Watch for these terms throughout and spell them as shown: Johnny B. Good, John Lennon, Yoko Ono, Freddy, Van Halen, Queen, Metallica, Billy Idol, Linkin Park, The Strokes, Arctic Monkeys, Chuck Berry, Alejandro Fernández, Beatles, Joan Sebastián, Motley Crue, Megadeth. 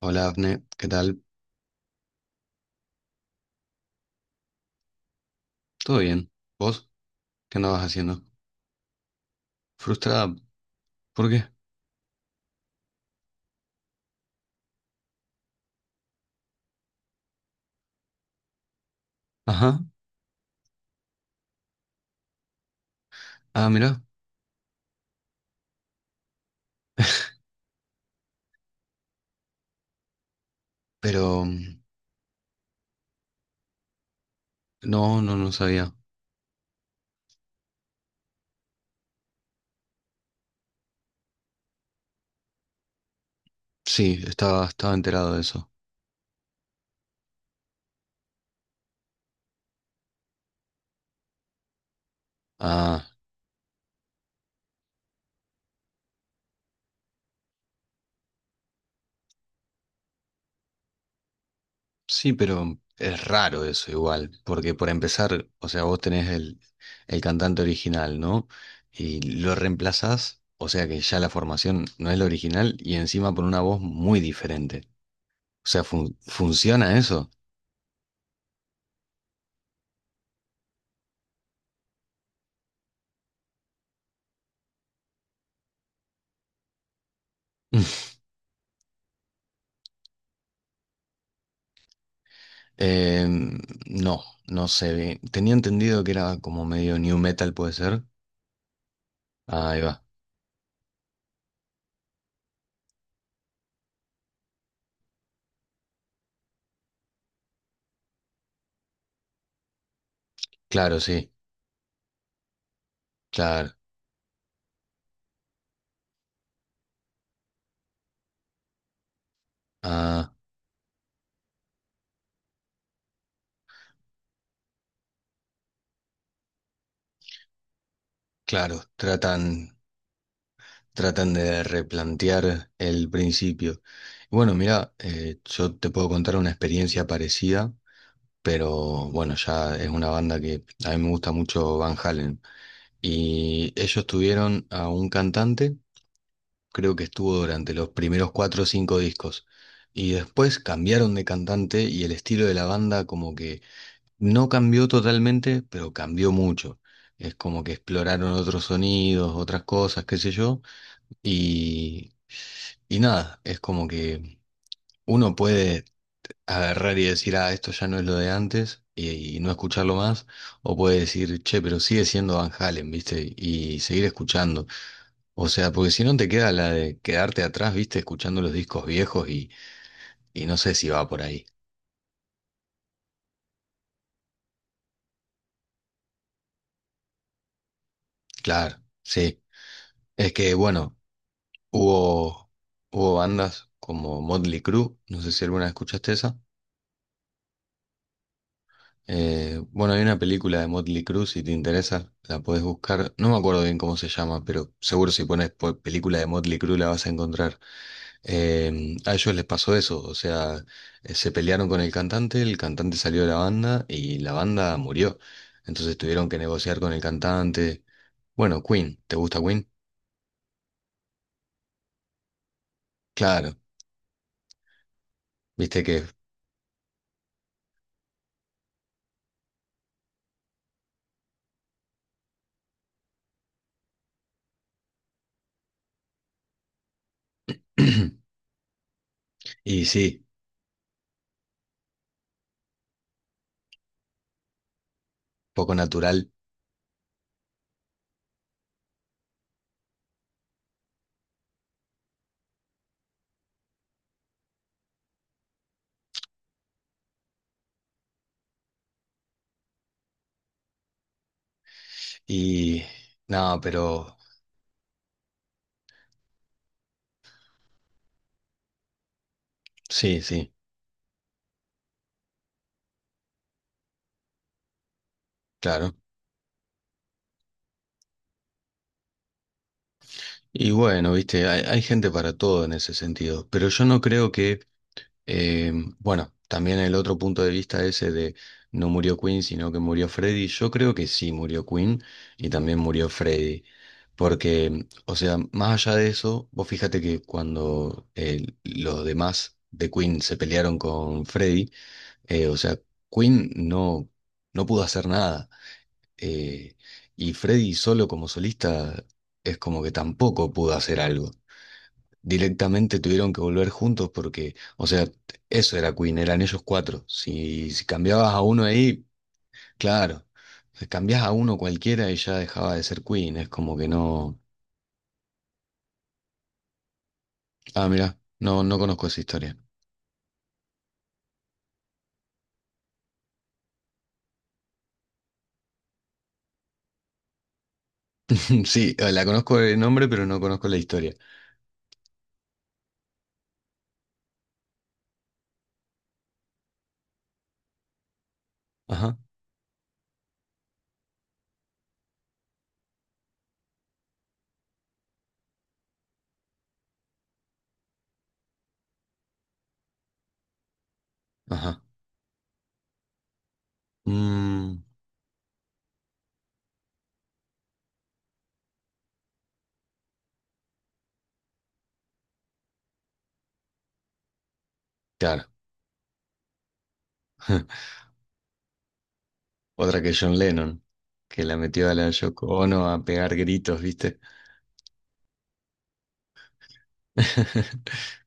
Hola, Abne, ¿qué tal? ¿Todo bien? ¿Vos? ¿Qué andabas haciendo? Frustrada. ¿Por qué? Ajá. Ah, mira. Pero no, no, no sabía. Sí, estaba enterado de eso. Ah, sí, pero es raro eso igual, porque por empezar, o sea, vos tenés el cantante original, ¿no? Y lo reemplazás, o sea que ya la formación no es la original y encima por una voz muy diferente. O sea, ¿funciona eso? Eh, no, no sé bien. Tenía entendido que era como medio new metal, puede ser. Ah, ahí va. Claro, sí, claro. Ah, claro, tratan de replantear el principio. Bueno, mira, yo te puedo contar una experiencia parecida, pero bueno, ya es una banda que a mí me gusta mucho Van Halen. Y ellos tuvieron a un cantante creo que estuvo durante los primeros cuatro o cinco discos. Y después cambiaron de cantante y el estilo de la banda como que no cambió totalmente, pero cambió mucho. Es como que exploraron otros sonidos, otras cosas, qué sé yo. Y, y nada, es como que uno puede agarrar y decir, ah, esto ya no es lo de antes y no escucharlo más. O puede decir, che, pero sigue siendo Van Halen, ¿viste? Y seguir escuchando. O sea, porque si no te queda la de quedarte atrás, viste, escuchando los discos viejos y no sé si va por ahí. Claro, sí. Es que, bueno, hubo, hubo bandas como Motley Crue, no sé si alguna vez escuchaste esa. Bueno, hay una película de Motley Crue, si te interesa, la podés buscar. No me acuerdo bien cómo se llama, pero seguro si pones película de Motley Crue la vas a encontrar. A ellos les pasó eso, o sea, se pelearon con el cantante salió de la banda y la banda murió. Entonces tuvieron que negociar con el cantante. Bueno, Queen, ¿te gusta Queen? Claro, viste que... y sí, poco natural. Y... No, pero sí, sí, claro. Y bueno, viste, hay gente para todo en ese sentido, pero yo no creo que Eh, bueno, también el otro punto de vista ese de no murió Queen, sino que murió Freddy. Yo creo que sí murió Queen y también murió Freddy. Porque, o sea, más allá de eso, vos fíjate que cuando los demás de Queen se pelearon con Freddy, o sea, Queen no pudo hacer nada. Eh, y Freddy solo como solista es como que tampoco pudo hacer algo. Directamente tuvieron que volver juntos porque, o sea, eso era Queen, eran ellos cuatro. Si cambiabas a uno ahí, claro, si cambiás a uno cualquiera y ya dejaba de ser Queen, es como que no... Ah, mira, no, no conozco esa historia. Sí, la conozco de nombre, pero no conozco la historia. Ajá, ajá. Mm, claro. Otra que John Lennon, que la metió a la Yoko Ono a pegar gritos, ¿viste?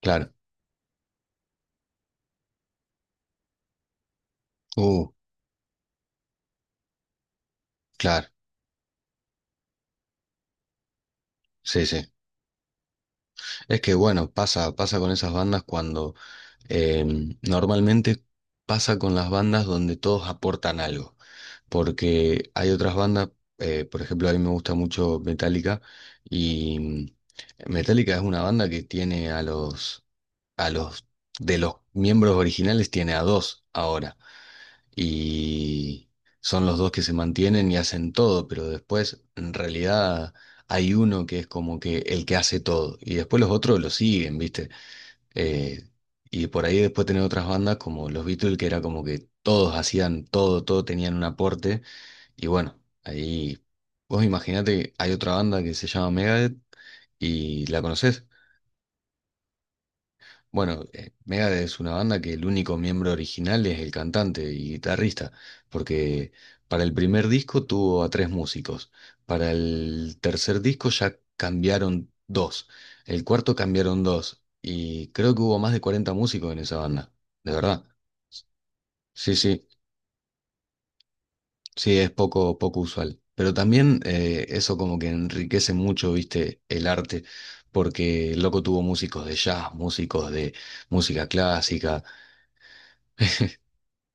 Claro. Uh, claro. Sí, sí. Es que bueno, pasa con esas bandas cuando normalmente pasa con las bandas donde todos aportan algo, porque hay otras bandas, por ejemplo, a mí me gusta mucho Metallica y Metallica es una banda que tiene a los, de los miembros originales tiene a dos ahora y son los dos que se mantienen y hacen todo, pero después en realidad hay uno que es como que el que hace todo y después los otros lo siguen, ¿viste? Eh, y por ahí después tener otras bandas como los Beatles, que era como que todos hacían todo, todo tenían un aporte. Y bueno, ahí vos imaginate, hay otra banda que se llama Megadeth y la conocés. Bueno, Megadeth es una banda que el único miembro original es el cantante y guitarrista, porque para el primer disco tuvo a tres músicos, para el tercer disco ya cambiaron dos, el cuarto cambiaron dos, y creo que hubo más de 40 músicos en esa banda, de verdad. Sí, sí, sí, es poco usual. Pero también eso como que enriquece mucho, viste, el arte, porque el loco tuvo músicos de jazz, músicos de música clásica.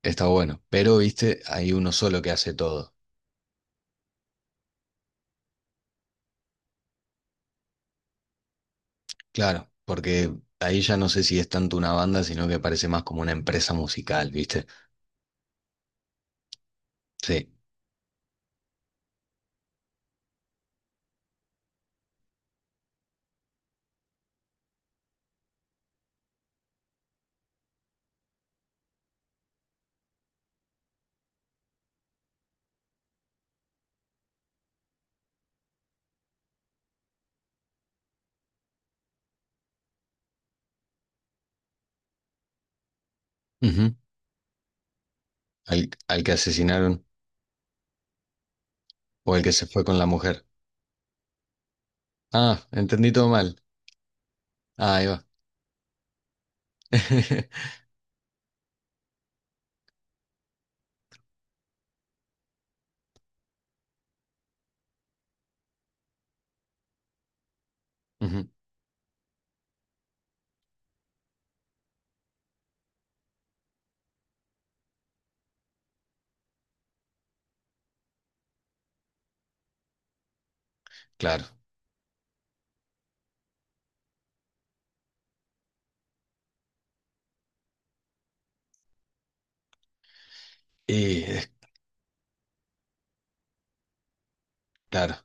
Está bueno, pero viste, hay uno solo que hace todo. Claro, porque ahí ya no sé si es tanto una banda, sino que parece más como una empresa musical, ¿viste? Sí. Ujú. Al que asesinaron o el que se fue con la mujer. Ah, entendí todo mal. Ah, ahí va. Ujú, claro. Y claro.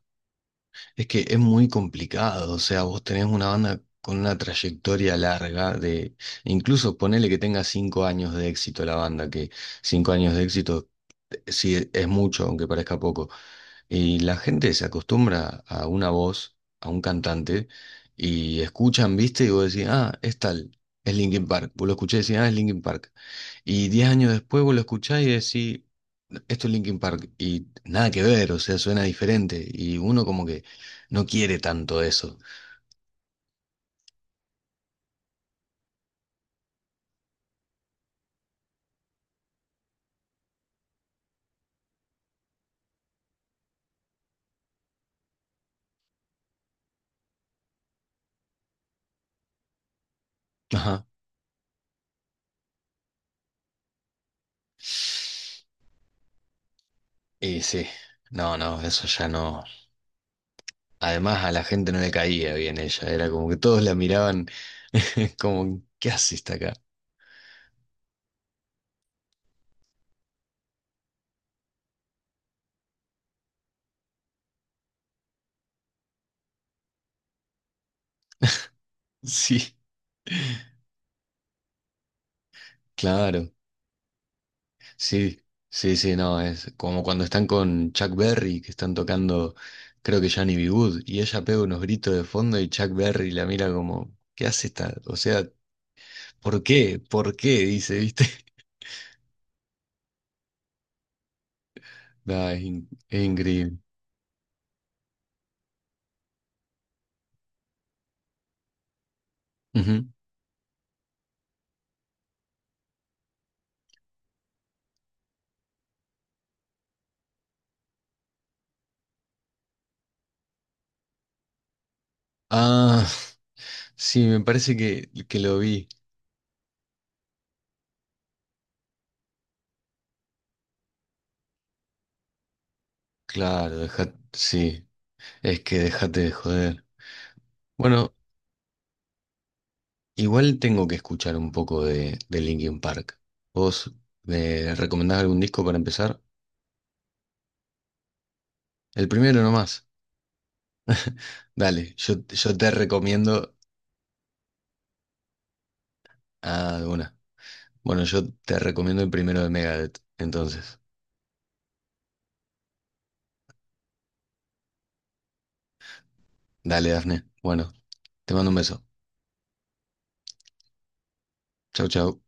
Es que es muy complicado, o sea, vos tenés una banda con una trayectoria larga de, incluso ponele que tenga 5 años de éxito la banda, que 5 años de éxito sí es mucho, aunque parezca poco. Y la gente se acostumbra a una voz, a un cantante, y escuchan, viste, y vos decís, ah, es tal, es Linkin Park. Vos lo escuchás y decís, ah, es Linkin Park. Y 10 años después vos lo escuchás y decís, esto es Linkin Park, y nada que ver, o sea, suena diferente, y uno como que no quiere tanto eso. Ajá. Y sí, no, no, eso ya no. Además a la gente no le caía bien ella, era como que todos la miraban como, ¿qué haces acá? Sí, claro. Sí, sí, sí, no, es como cuando están con Chuck Berry, que están tocando, creo que Johnny B. Good, y ella pega unos gritos de fondo y Chuck Berry la mira como, ¿qué hace esta? O sea, ¿por qué? ¿Por qué? Dice, ¿viste? No, es increíble. Ujú. Ah, sí, me parece que lo vi. Claro, deja, sí, es que déjate de joder. Bueno, igual tengo que escuchar un poco de Linkin Park. ¿Vos me recomendás algún disco para empezar? El primero nomás. Dale, yo te recomiendo. Ah, una. Bueno, yo te recomiendo el primero de Megadeth. Entonces, dale, Dafne. Bueno, te mando un beso. Chau, chau.